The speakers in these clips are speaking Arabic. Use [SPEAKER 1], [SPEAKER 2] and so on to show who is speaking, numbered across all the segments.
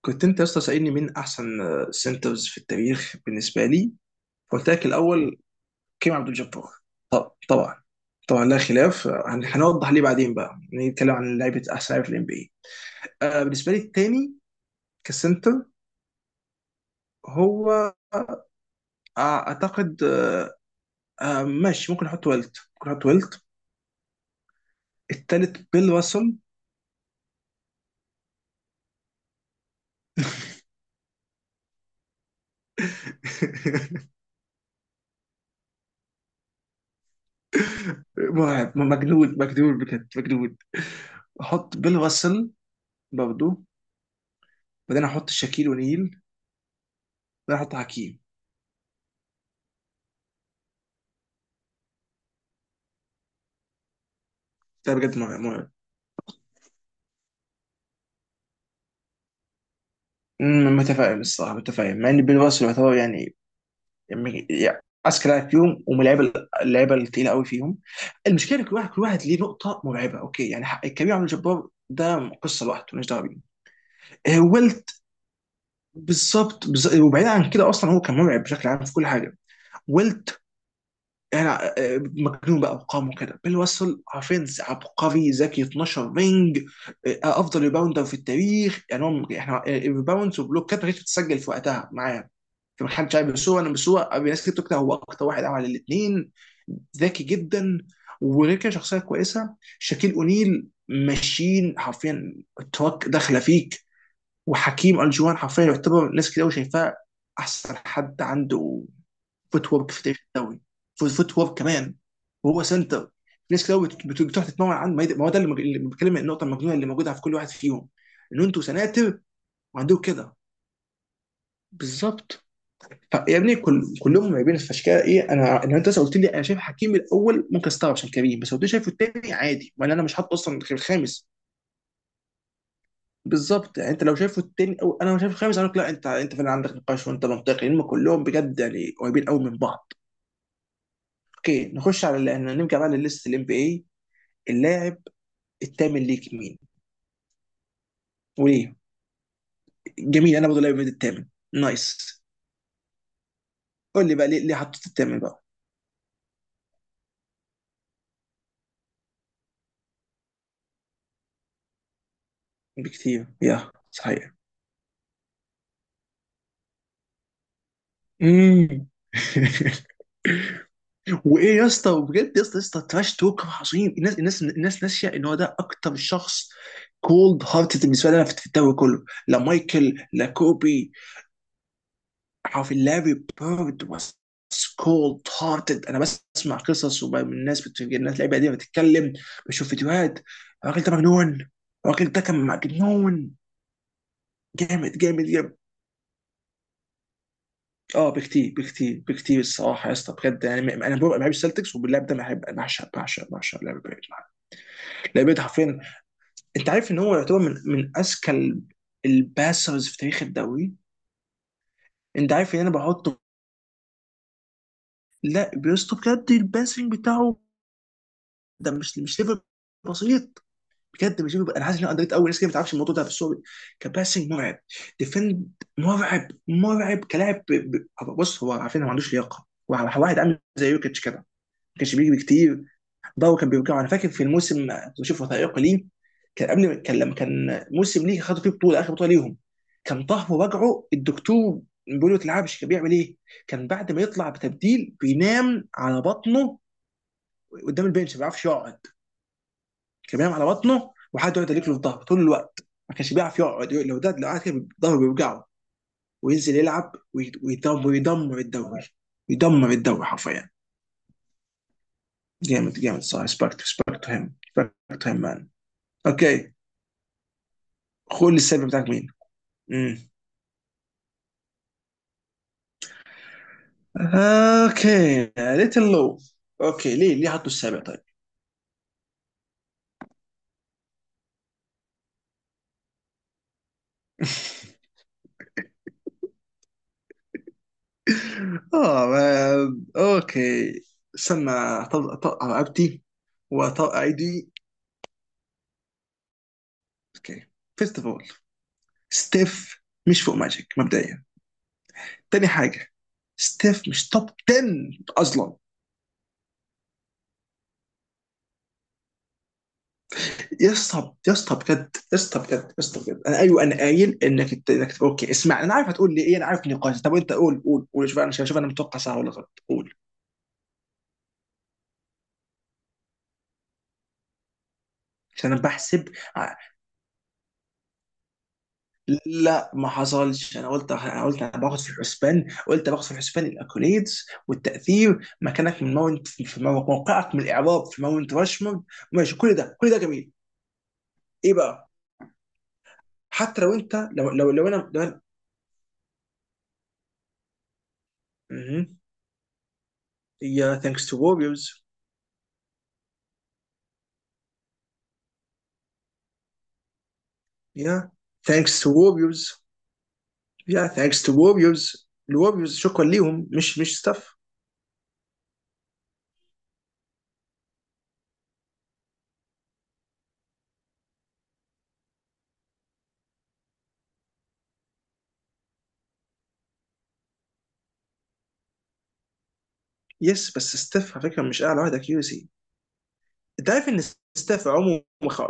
[SPEAKER 1] كنت انت يا اسطى سألني مين احسن سنترز في التاريخ بالنسبه لي. قلت لك الاول كريم عبد الجبار. طب طبعا طبعا لا خلاف. هنوضح ليه بعدين، بقى نتكلم عن لعيبه احسن لعيبه في الام بي اي. بالنسبه لي الثاني كسنتر هو اعتقد ماشي، ممكن احط ويلت، ممكن احط ويلت. الثالث بيل راسل. مرعب، مجنون مجنون، بجد مجنون. احط بيل راسل برضه. بعدين احط شاكيل ونيل بعدين احط حكيم. ده بجد مرعب مرعب. متفائل الصراحه، متفائل مع ان بيل راسل يعتبر يعني اذكى لاعب فيهم، ومن اللعيبه الثقيله قوي فيهم. المشكله إن كل واحد ليه نقطه مرعبه، اوكي؟ يعني كريم عبد الجبار ده قصه لوحده، مالناش دعوه بيه. ويلت بالظبط، وبعيد عن كده اصلا هو كان مرعب بشكل عام في كل حاجه. ويلت يعني مجنون بقى ارقامه كده. بيل واسل حرفيا عبقري، ذكي، 12 رينج. افضل ريباوندر في التاريخ. يعني احنا الريباوندز وبلوكات ما كانتش بتتسجل في وقتها معاه في محل شاي. بس الناس كتير بتقول هو اكتر واحد عمل الاثنين. ذكي جدا، وغير كده شخصيه كويسه. شاكيل اونيل ماشيين حرفيا، التراك داخله فيك. وحكيم الجوان حرفيا يعتبر، ناس كتير قوي شايفاه احسن حد عنده فوت وورك في تاريخ الدوري. فوت وورك كمان، وهو سنتر. ناس كتير قوي بتروح تتمرن عنه. ما هو ده اللي بتكلم، النقطه المجنونه اللي موجوده في كل واحد فيهم ان انتوا سناتر وعندكم كده. بالظبط. يا ابني كلهم مرعبين، فعشان كده ايه، انا ان انت لسه قلت لي انا شايف حكيم الاول ممكن استغرب عشان كريم، بس لو انت شايفه التاني عادي، ما انا مش حاطه اصلا غير الخامس. بالظبط، يعني انت لو شايفه التاني او انا مش شايف الخامس اقول لك لا، انت فعلا عندك نقاش وانت منطقي، لان كلهم بجد يعني قريبين قوي من بعض. اوكي نخش على نرجع بقى للست الام بي اي. اللاعب الثامن ليك مين وليه؟ جميل، انا برضه لاعب ميد الثامن. نايس. قول لي بقى ليه ليه حطيت الثامن بقى. بكتير، يا صحيح. امم وايه يا اسطى؟ وبجد يا اسطى يا اسطى تراش توك عظيم. الناس ناسيه ان هو ده اكتر شخص كولد هارتد بالنسبه لنا في الدوري كله. لا مايكل لا كوبي، عارف، لاري بيرد واز كولد هارتد. انا بسمع قصص وبقى من الناس اللعيبه دي بتتكلم، بشوف فيديوهات، الراجل ده مجنون. الراجل ده كان مجنون. جامد جامد جامد. اه، بكتير بكتير بكتير. الصراحه يا اسطى بجد يعني انا ببقى بحب السلتكس، وباللعب ده بحب بعشق بعشق بعشق لعب بيرد. لعب بيرد حرفيا. انت عارف ان هو يعتبر من اذكى الباسرز في تاريخ الدوري. انت عارف ان انا بحطه؟ لا بيسطو بجد، الباسنج بتاعه ده مش ليفل بسيط، بجد مش ليفل. انا حاسس ان انا اندريت قوي، ناس كده ما تعرفش الموضوع ده، بس هو كباسنج مرعب. ديفند مرعب مرعب كلاعب. بص هو، عارفين هو ما عندوش لياقه، هو واحد عامل زي يوكيتش كده، ما كانش بيجري كتير. ضو كان بيرجعه. انا فاكر في الموسم كنت بشوف وثائقي ليه، كان قبل، كان لما كان موسم ليه خدوا فيه بطوله، اخر بطوله ليهم، كان طهر رجعه. الدكتور بيقول له تلعبش. كان بيعمل ايه؟ كان بعد ما يطلع بتبديل بينام على بطنه قدام البنش، ما بيعرفش يقعد. كان بينام على بطنه وحد يقعد يلك له في ظهره طول الوقت. ما كانش بيعرف يقعد، لو ده لو قعد كده ظهره بيوجعه، وينزل يلعب، ويدمر الدوري، يدمر الدوري حرفيا. جامد جامد، صح، ريسبكت ريسبكت تو هيم، ريسبكت تو هيم مان. اوكي قول لي السابع بتاعك مين. امم اوكي، ليتل لو. اوكي ليه ليه حطوا السابع طيب؟ اه اوكي. استنى اطلع رقبتي واطلع ايدي. اوكي فيرست اوف اول، ستيف مش فوق ماجيك مبدئيا. تاني حاجه، ستيف مش توب 10 اصلا. يا اسطى يا اسطى بجد، يا اسطى بجد، يا اسطى بجد انا ايوه انا قايل انك انت انك تبقى اوكي. اسمع انا عارف هتقول لي ايه، انا عارف نقاش. طب انت قول قول قول، شوف انا شوف انا متوقع صح ولا غلط قول. عشان انا بحسب ع- لا ما حصلش، انا قلت انا قلت انا باخد في الحسبان، قلت باخد في الحسبان الاكوليدز والتاثير، مكانك من ماونت في موقعك من الاعراب في ماونت راشمورد. ماشي كل ده كل ده جميل. ايه بقى؟ حتى لو انت لو لو لو انا لو أنا- مهم. يا ثانكس تو ووريرز، يا ثانكس تو ووريرز، يا ثانكس تو ووريرز، الووريرز شكرا ليهم، مش ستاف. يس بس ستاف على فكره مش اعلى واحد اكيوسي. انت عارف ان ستاف عمره ما خ...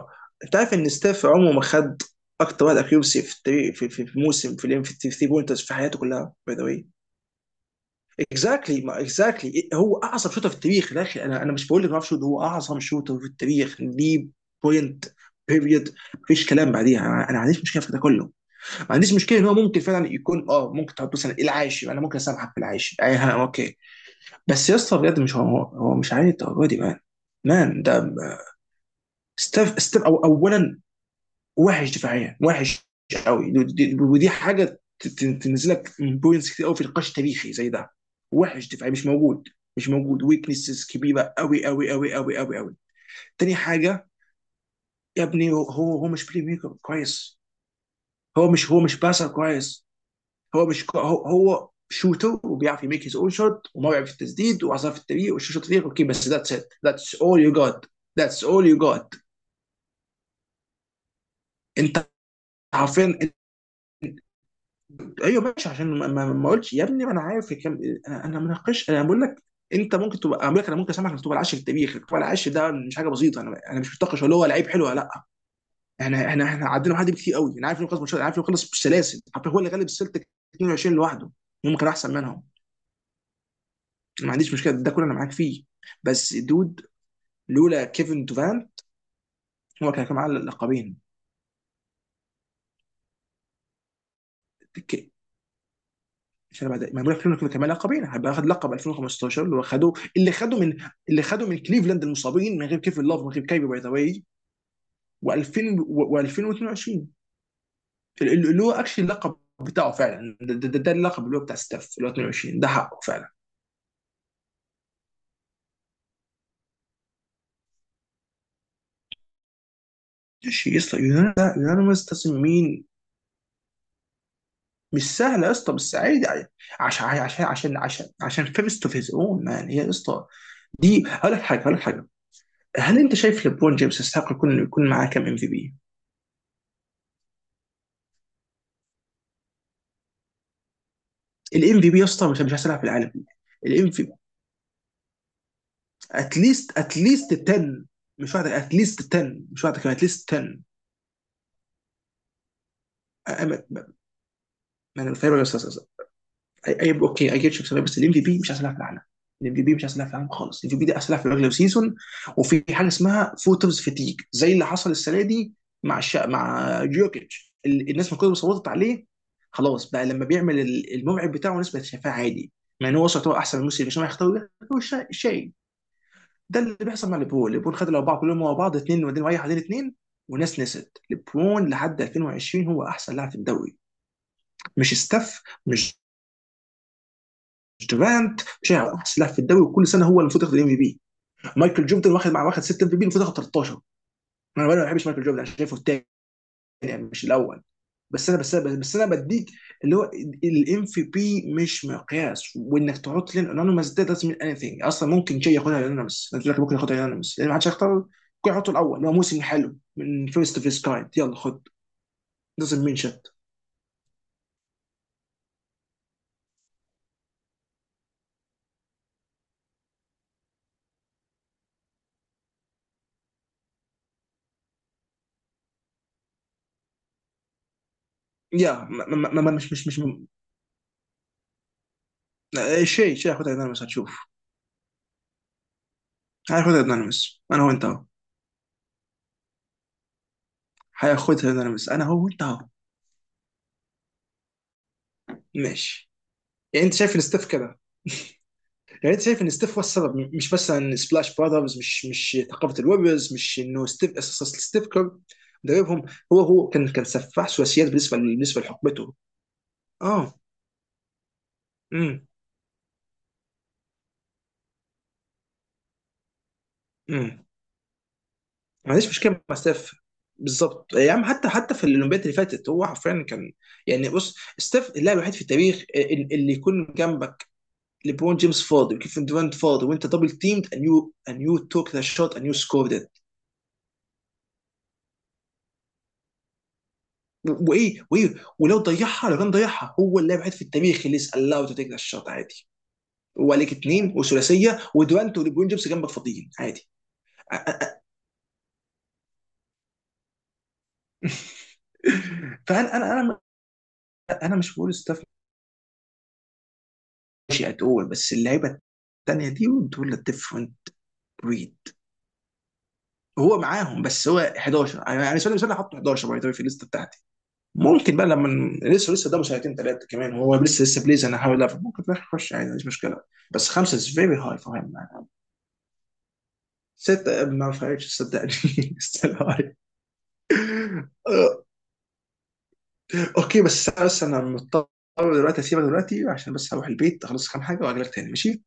[SPEAKER 1] انت عارف ان ستاف عمره ما خد اكتر واحد اكيوسي في التاريخ في, في, في موسم في الام في 3 بوينترز في حياته كلها باي ذا واي. اكزاكتلي، ما اكزاكتلي هو اعظم شوتر في التاريخ يا اخي. انا مش بقول لك ما اعرفش، هو اعظم شوتر في التاريخ ليه، بوينت بيريد، مفيش كلام بعديها. انا ما عنديش مشكله في ده كله، ما عنديش مشكله ان هو ممكن فعلا يكون اه، ممكن تحط مثلا العاشر، انا ممكن اسامحك في العاشر اي حاجه اوكي. بس يا اسطى بجد مش هو، هو مش عادي الدرجه دي مان. مان ده ستيف، ستيف أو اولا وحش دفاعيا، وحش قوي، ودي حاجه تنزلك بوينتس كتير قوي في نقاش تاريخي زي ده. وحش دفاعي مش موجود، مش موجود. ويكنسز كبيره قوي قوي قوي قوي قوي قوي. تاني حاجه، يا ابني هو مش بلاي ميكر كويس. هو مش باسر كويس. هو مش كو- هو هو شوتر وبيعرف يميك هيز اون شوت، وما بيعرف التسديد وعصف التمرير وشوت فريق، اوكي؟ بس ذاتس ات، ذاتس اول يو جوت، ذاتس اول يو جوت. انت عارفين؟ ايوه ماشي عشان ما قلتش يا ابني، ما انا عارف كم. انا مناقش، انا بقول لك انت ممكن تبقى، اقول لك انا ممكن اسامحك انك تبقى العاشر في التاريخ، تبقى العاشر ده مش حاجه بسيطه. انا مش بتناقش هل هو لعيب حلو ولا لا. احنا عدينا حد كتير قوي، انا عارف انه خلص ماتشات، انا عارف انه خلص بالسلاسل، عارف هو اللي غلب السلتك 22 لوحده، ممكن احسن منهم، ما عنديش مشكله ده كله، انا معاك فيه. بس دود، لولا كيفن دوفان هو كان معاه اللقبين. ك- مش انا بعد ما بقول لك لولا كيفن كان معاه لقبين، هيبقى اخد لقب 2015 اللي هو خده، اللي خده من كليفلاند المصابين من غير كيفن لاف من غير كايبي باي ذا واي. و2000 و2022 اللي هو اكشلي اللقب بتاعه فعلا، ده اللقب اللي هو بتاع ستاف، اللي هو 22 ده حقه فعلا. ماشي يا اسطى. يونانيمس تصميمين مش سهله يا اسطى، بس عادي عادي. عشان فيرست اوف هيز اون مان، هي يا اسطى. دي هقول لك حاجه، هقول لك حاجه: هل انت شايف ليبرون جيمس يستحق يكون، يكون معاه كم ام في بي؟ الام في بي يا اسطى مش هيلعب في العالم. الام في اتليست، اتليست 10، مش واحده، اتليست 10 مش واحده كمان، اتليست 10. أنا- ما انا فاهم يا استاذ. اوكي اي جيت شو بسبب، بس الام في بي مش احسن لاعب في العالم. الام في بي مش احسن لاعب في العالم خالص. الام في بي ده احسن لاعب في الريجلر سيزون، وفي حاجه اسمها فوترز فتيج زي اللي حصل السنه دي مع مع جوكيتش. الناس من كتر ما كلها صوتت عليه خلاص بقى، لما بيعمل الموعد بتاعه الناس بقت شايفاه عادي، مع ان هو وصل يعتبر احسن من الموسم، مش هيختاروا. ده هو شيء ده اللي بيحصل مع ليبرون. ليبرون خد الاربعه كلهم ورا بعض، اثنين وبعدين رايح بعدين اثنين، والناس نسيت ليبرون لحد 2020 هو احسن لاعب في الدوري، مش ستاف مش دورانت. شايع احسن لاعب في الدوري وكل سنه هو اللي المفروض ياخد الام في بي. مايكل جوردن واخد، واخد 6 ام في بي، المفروض ياخد 13. انا ما بحبش مايكل جوردن، انا شايفه الثاني يعني مش الاول. بس انا بديك اللي هو الام في بي مش مقياس، وانك تحط لين انونيمس ده doesn't mean anything اصلا. ممكن شيء ياخدها انونيمس، ممكن ياخدها انونيمس لان ما حدش هيختار، ممكن يحطه الاول اللي هو موسم حلو من فيرست اوف هيز كايند، يلا خد. doesn't mean shit. يا ما ما ما- ما- مش مش مش شيء، شيء هياخدها انونيمس هتشوف. هياخدها انونيمس انا وانت أهو. هياخدها، انا بس انا هو انت اهو. ماشي. يعني انت شايف ان ستيف كده، يعني انت شايف ان ستيف هو السبب، مش بس ان سبلاش براذرز، مش مش ثقافه الويبرز، مش انه ستيف اساسا، ستيف كير مدربهم. هو كان سفاح ثلاثيات بالنسبه لحقبته. اه. امم امم ما عنديش مشكله مع ستيف. بالظبط يا عم. حتى في الاولمبياد اللي فاتت هو حرفيا كان يعني، بص، ستيف اللاعب الوحيد في التاريخ اللي يكون جنبك ليبرون جيمس فاضي وكيفن دورانت فاضي وانت دبل تيمد and you and you took the shot and you scored it. وايه، وايه، ولو ضيعها، لو كان ضيعها هو اللاعب الوحيد في التاريخ اللي is allowed to take the shot عادي، وعليك اثنين وثلاثيه ودورانت وليبرون جيمس جنبك فاضيين، عادي. فانا انا انا مش بقول ستاف ماشي، اتقول بس اللعيبه الثانيه دي دول ديفرنت. بريد هو معاهم، بس هو 11 انا بالنسبه لي، مش انا حاطه 11 باي ذا في الليست بتاعتي. ممكن بقى لما لسه قدامه سنتين ثلاثه كمان، هو لسه بليز، انا هحاول افهم ممكن في الاخر يخش عادي، مفيش مشكله. بس خمسه از فيري هاي فور هيم. سته ما فرقتش صدقني. ستيل هاي. اوكي بس انا مضطر دلوقتي اسيبك، دلوقتي عشان بس هروح البيت اخلص كام حاجه واجي لك تاني ماشي.